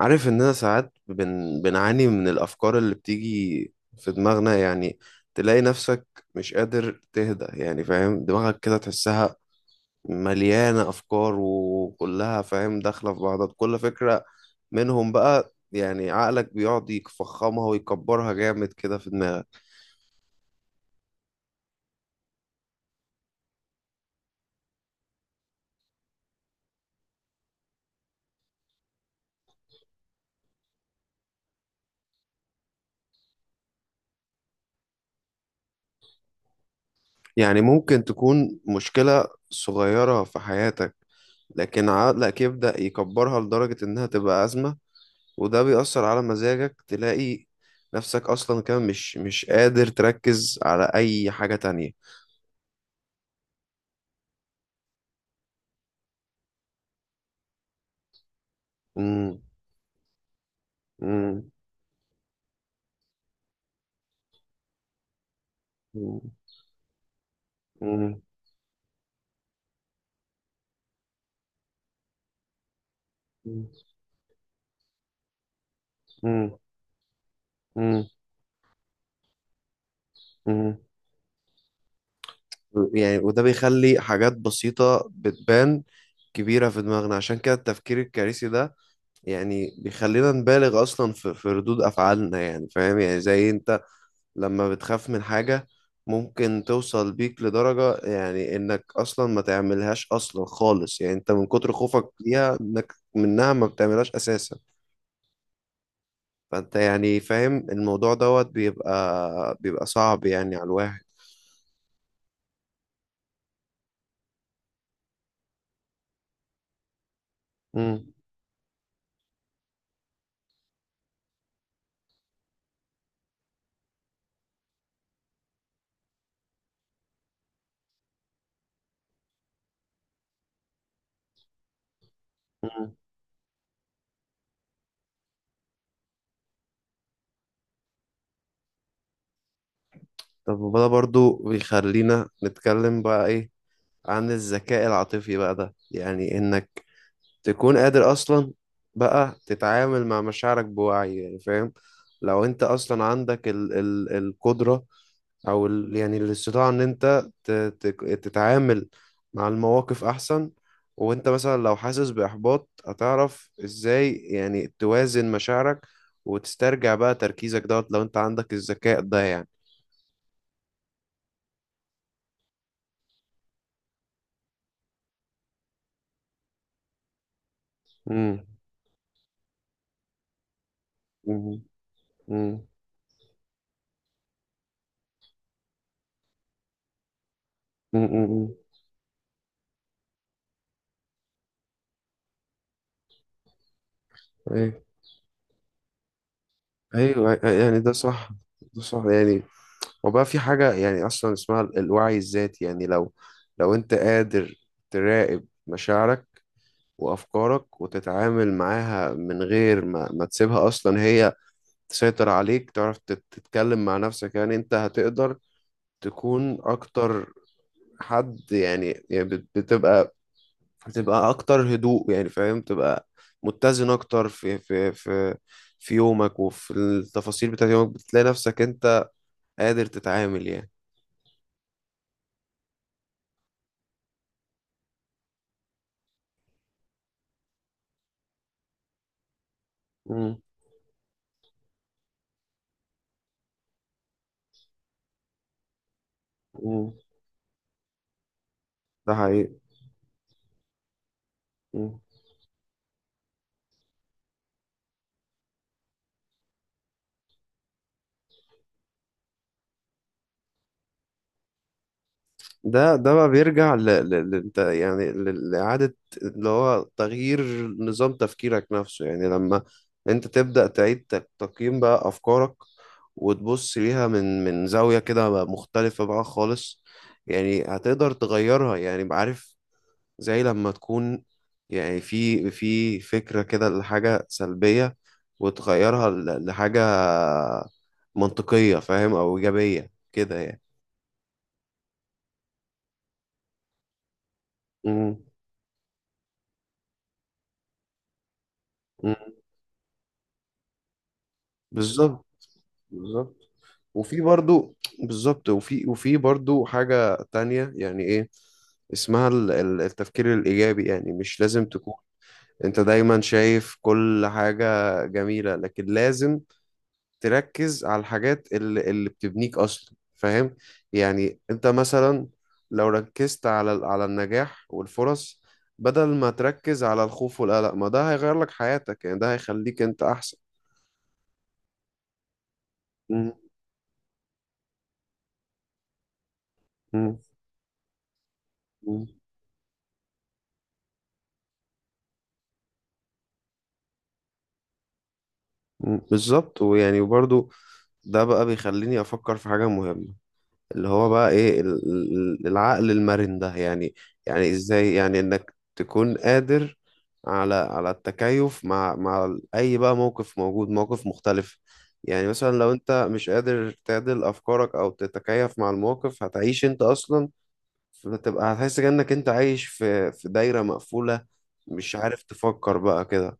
عارف اننا ساعات بنعاني من الافكار اللي بتيجي في دماغنا يعني تلاقي نفسك مش قادر تهدى يعني فاهم دماغك كده تحسها مليانة افكار وكلها فاهم داخلة في بعضها كل فكرة منهم بقى يعني عقلك بيقعد يفخمها ويكبرها جامد كده في دماغك. يعني ممكن تكون مشكلة صغيرة في حياتك لكن عقلك يبدأ يكبرها لدرجة انها تبقى أزمة، وده بيأثر على مزاجك. تلاقي نفسك أصلا كمان مش قادر تركز على أي حاجة تانية. مم، مم، مم، مم، مم، مم، مم. يعني وده بيخلي حاجات بسيطة بتبان كبيرة في دماغنا، عشان كده التفكير الكارثي ده يعني بيخلينا نبالغ أصلا في ردود أفعالنا يعني فاهم، يعني زي أنت لما بتخاف من حاجة ممكن توصل بيك لدرجة يعني انك اصلا ما تعملهاش اصلا خالص، يعني انت من كتر خوفك ليها انك منها ما بتعملهاش اساسا. فانت يعني فاهم الموضوع دوت بيبقى صعب يعني على الواحد. مم. مم. طب وده برضو بيخلينا نتكلم بقى ايه عن الذكاء العاطفي بقى، ده يعني انك تكون قادر اصلا بقى تتعامل مع مشاعرك بوعي يعني فاهم. لو انت اصلا عندك ال القدرة او ال يعني الاستطاعة ان انت تتعامل مع المواقف احسن، وانت مثلا لو حاسس باحباط هتعرف ازاي يعني توازن مشاعرك وتسترجع بقى تركيزك دوت لو انت عندك الذكاء ده يعني. امم. امم. امم. امم. ايوه. ايوه، يعني ده صح، ده صح يعني. وبقى في حاجة يعني أصلا اسمها الوعي الذاتي، يعني لو لو أنت قادر تراقب مشاعرك وأفكارك وتتعامل معاها من غير ما تسيبها أصلا هي تسيطر عليك، تعرف تتكلم مع نفسك، يعني أنت هتقدر تكون أكتر حد يعني، يعني بتبقى أكتر هدوء يعني فاهم، تبقى متزن أكتر في في يومك وفي التفاصيل بتاعت يومك، بتلاقي نفسك أنت قادر تتعامل يعني. مم. ده حقيقي. مم. ده بقى بيرجع انت يعني لإعادة اللي هو تغيير نظام تفكيرك نفسه، يعني لما انت تبدأ تعيد تقييم بقى أفكارك وتبص ليها من زاوية كده بقى مختلفة بقى خالص، يعني هتقدر تغيرها يعني بقى عارف، زي لما تكون يعني في فكرة كده لحاجة سلبية وتغيرها لحاجة منطقية فاهم أو إيجابية كده يعني. مم. بالظبط. بالظبط وفي برضو، بالظبط وفي وفي برضو حاجة تانية يعني ايه اسمها التفكير الإيجابي، يعني مش لازم تكون انت دايما شايف كل حاجة جميلة، لكن لازم تركز على الحاجات اللي بتبنيك أصلا فاهم. يعني انت مثلا لو ركزت على على النجاح والفرص بدل ما تركز على الخوف والقلق، ما ده هيغير لك حياتك يعني، ده هيخليك انت أحسن. مم. مم. مم، بالظبط، ويعني وبرضو ده بقى بيخليني افكر في حاجه مهمه اللي هو بقى ايه العقل المرن ده يعني. يعني ازاي يعني انك تكون قادر على التكيف مع اي بقى موقف موجود، موقف مختلف. يعني مثلا لو انت مش قادر تعدل افكارك او تتكيف مع الموقف هتعيش انت اصلا، فتبقى هتحس كأنك انت عايش في دايره مقفوله، مش عارف تفكر بقى كده.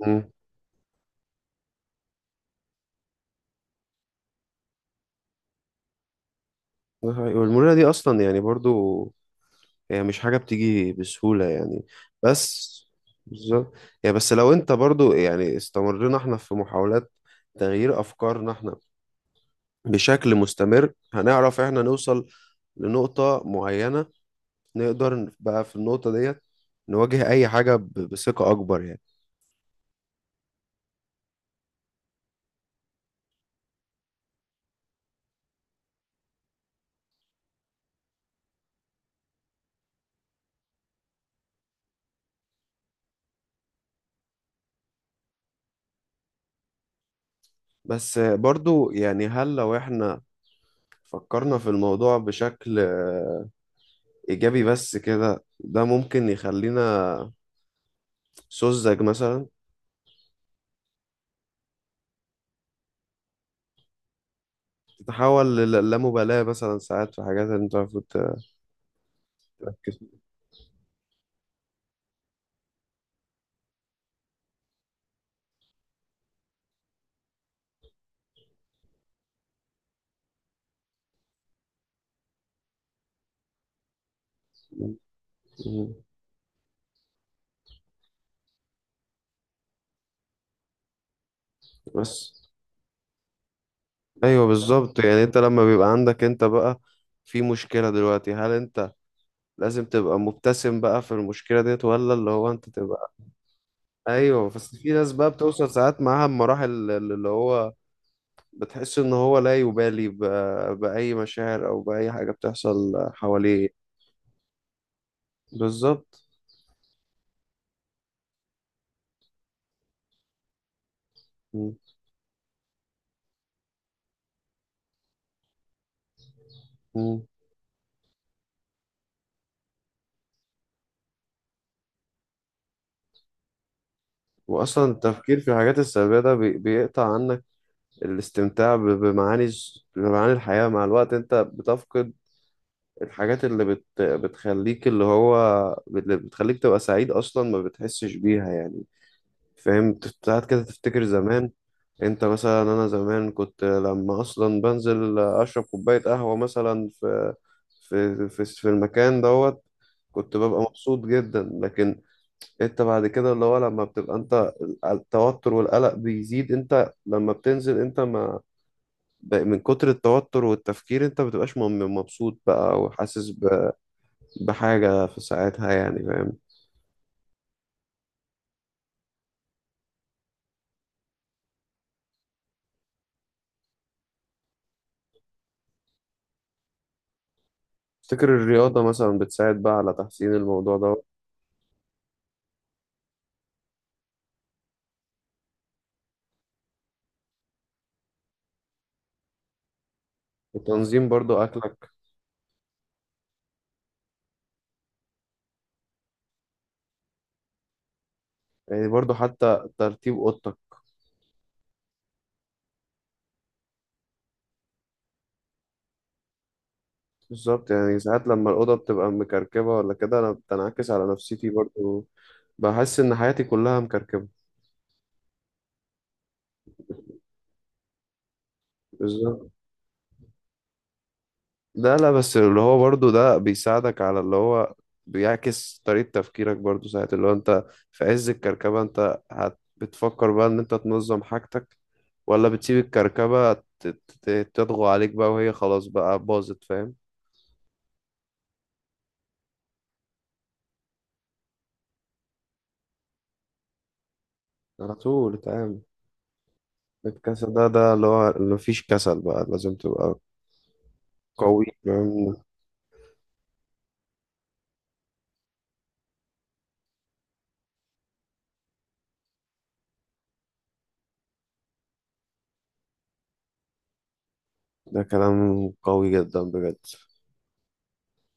امم. ده حقيقي. والمرونة دي أصلا يعني برضو هي مش حاجة بتيجي بسهولة يعني. بس بالظبط، يعني بس لو أنت برضو يعني استمرنا احنا في محاولات تغيير أفكارنا احنا بشكل مستمر، هنعرف احنا نوصل لنقطة معينة، نقدر بقى في النقطة ديت نواجه أي حاجة بثقة أكبر يعني. بس برضو يعني هل لو احنا فكرنا في الموضوع بشكل إيجابي بس كده، ده ممكن يخلينا سذج مثلا؟ تتحول للامبالاة مثلا ساعات في حاجات اللي انت المفروض تركز فيها. مم. بس ايوه بالظبط، يعني انت لما بيبقى عندك انت بقى في مشكلة دلوقتي، هل انت لازم تبقى مبتسم بقى في المشكلة ديت، ولا اللي هو انت تبقى؟ ايوه، بس في ناس بقى بتوصل ساعات معاها المراحل اللي هو بتحس ان هو لا يبالي بأي مشاعر او بأي حاجة بتحصل حواليه. بالظبط. مم. مم. واصلا التفكير في الحاجات السلبية ده بيقطع عنك الاستمتاع بمعاني الحياة، مع الوقت انت بتفقد الحاجات اللي بتخليك اللي هو اللي بتخليك تبقى سعيد، اصلا ما بتحسش بيها يعني فاهم. ساعات كده تفتكر زمان، انت مثلا انا زمان كنت لما اصلا بنزل اشرب كوباية قهوة مثلا في في المكان دوت، كنت ببقى مبسوط جدا. لكن انت بعد كده اللي هو لما بتبقى انت التوتر والقلق بيزيد، انت لما بتنزل انت ما ب- من كتر التوتر والتفكير انت بتبقاش مبسوط بقى، وحاسس بحاجة في ساعتها يعني فاهم. تفتكر الرياضة مثلا بتساعد بقى على تحسين الموضوع ده، وتنظيم برضو أكلك؟ يعني برضو حتى ترتيب أوضتك. بالظبط، يعني ساعات لما الأوضة بتبقى مكركبة ولا كده أنا بتنعكس على نفسيتي برضو، بحس إن حياتي كلها مكركبة. بالظبط. لا لا، بس اللي هو برضو ده بيساعدك على اللي هو بيعكس طريقة تفكيرك برضو. ساعة اللي هو انت في عز الكركبة، انت بتفكر بقى ان انت تنظم حاجتك، ولا بتسيب الكركبة تطغو عليك بقى وهي خلاص بقى باظت فاهم. على طول اتعامل، الكسل ده اللي هو اللي مفيش كسل بقى، لازم تبقى قوي فاهم؟ ده كلام قوي جدا بجد.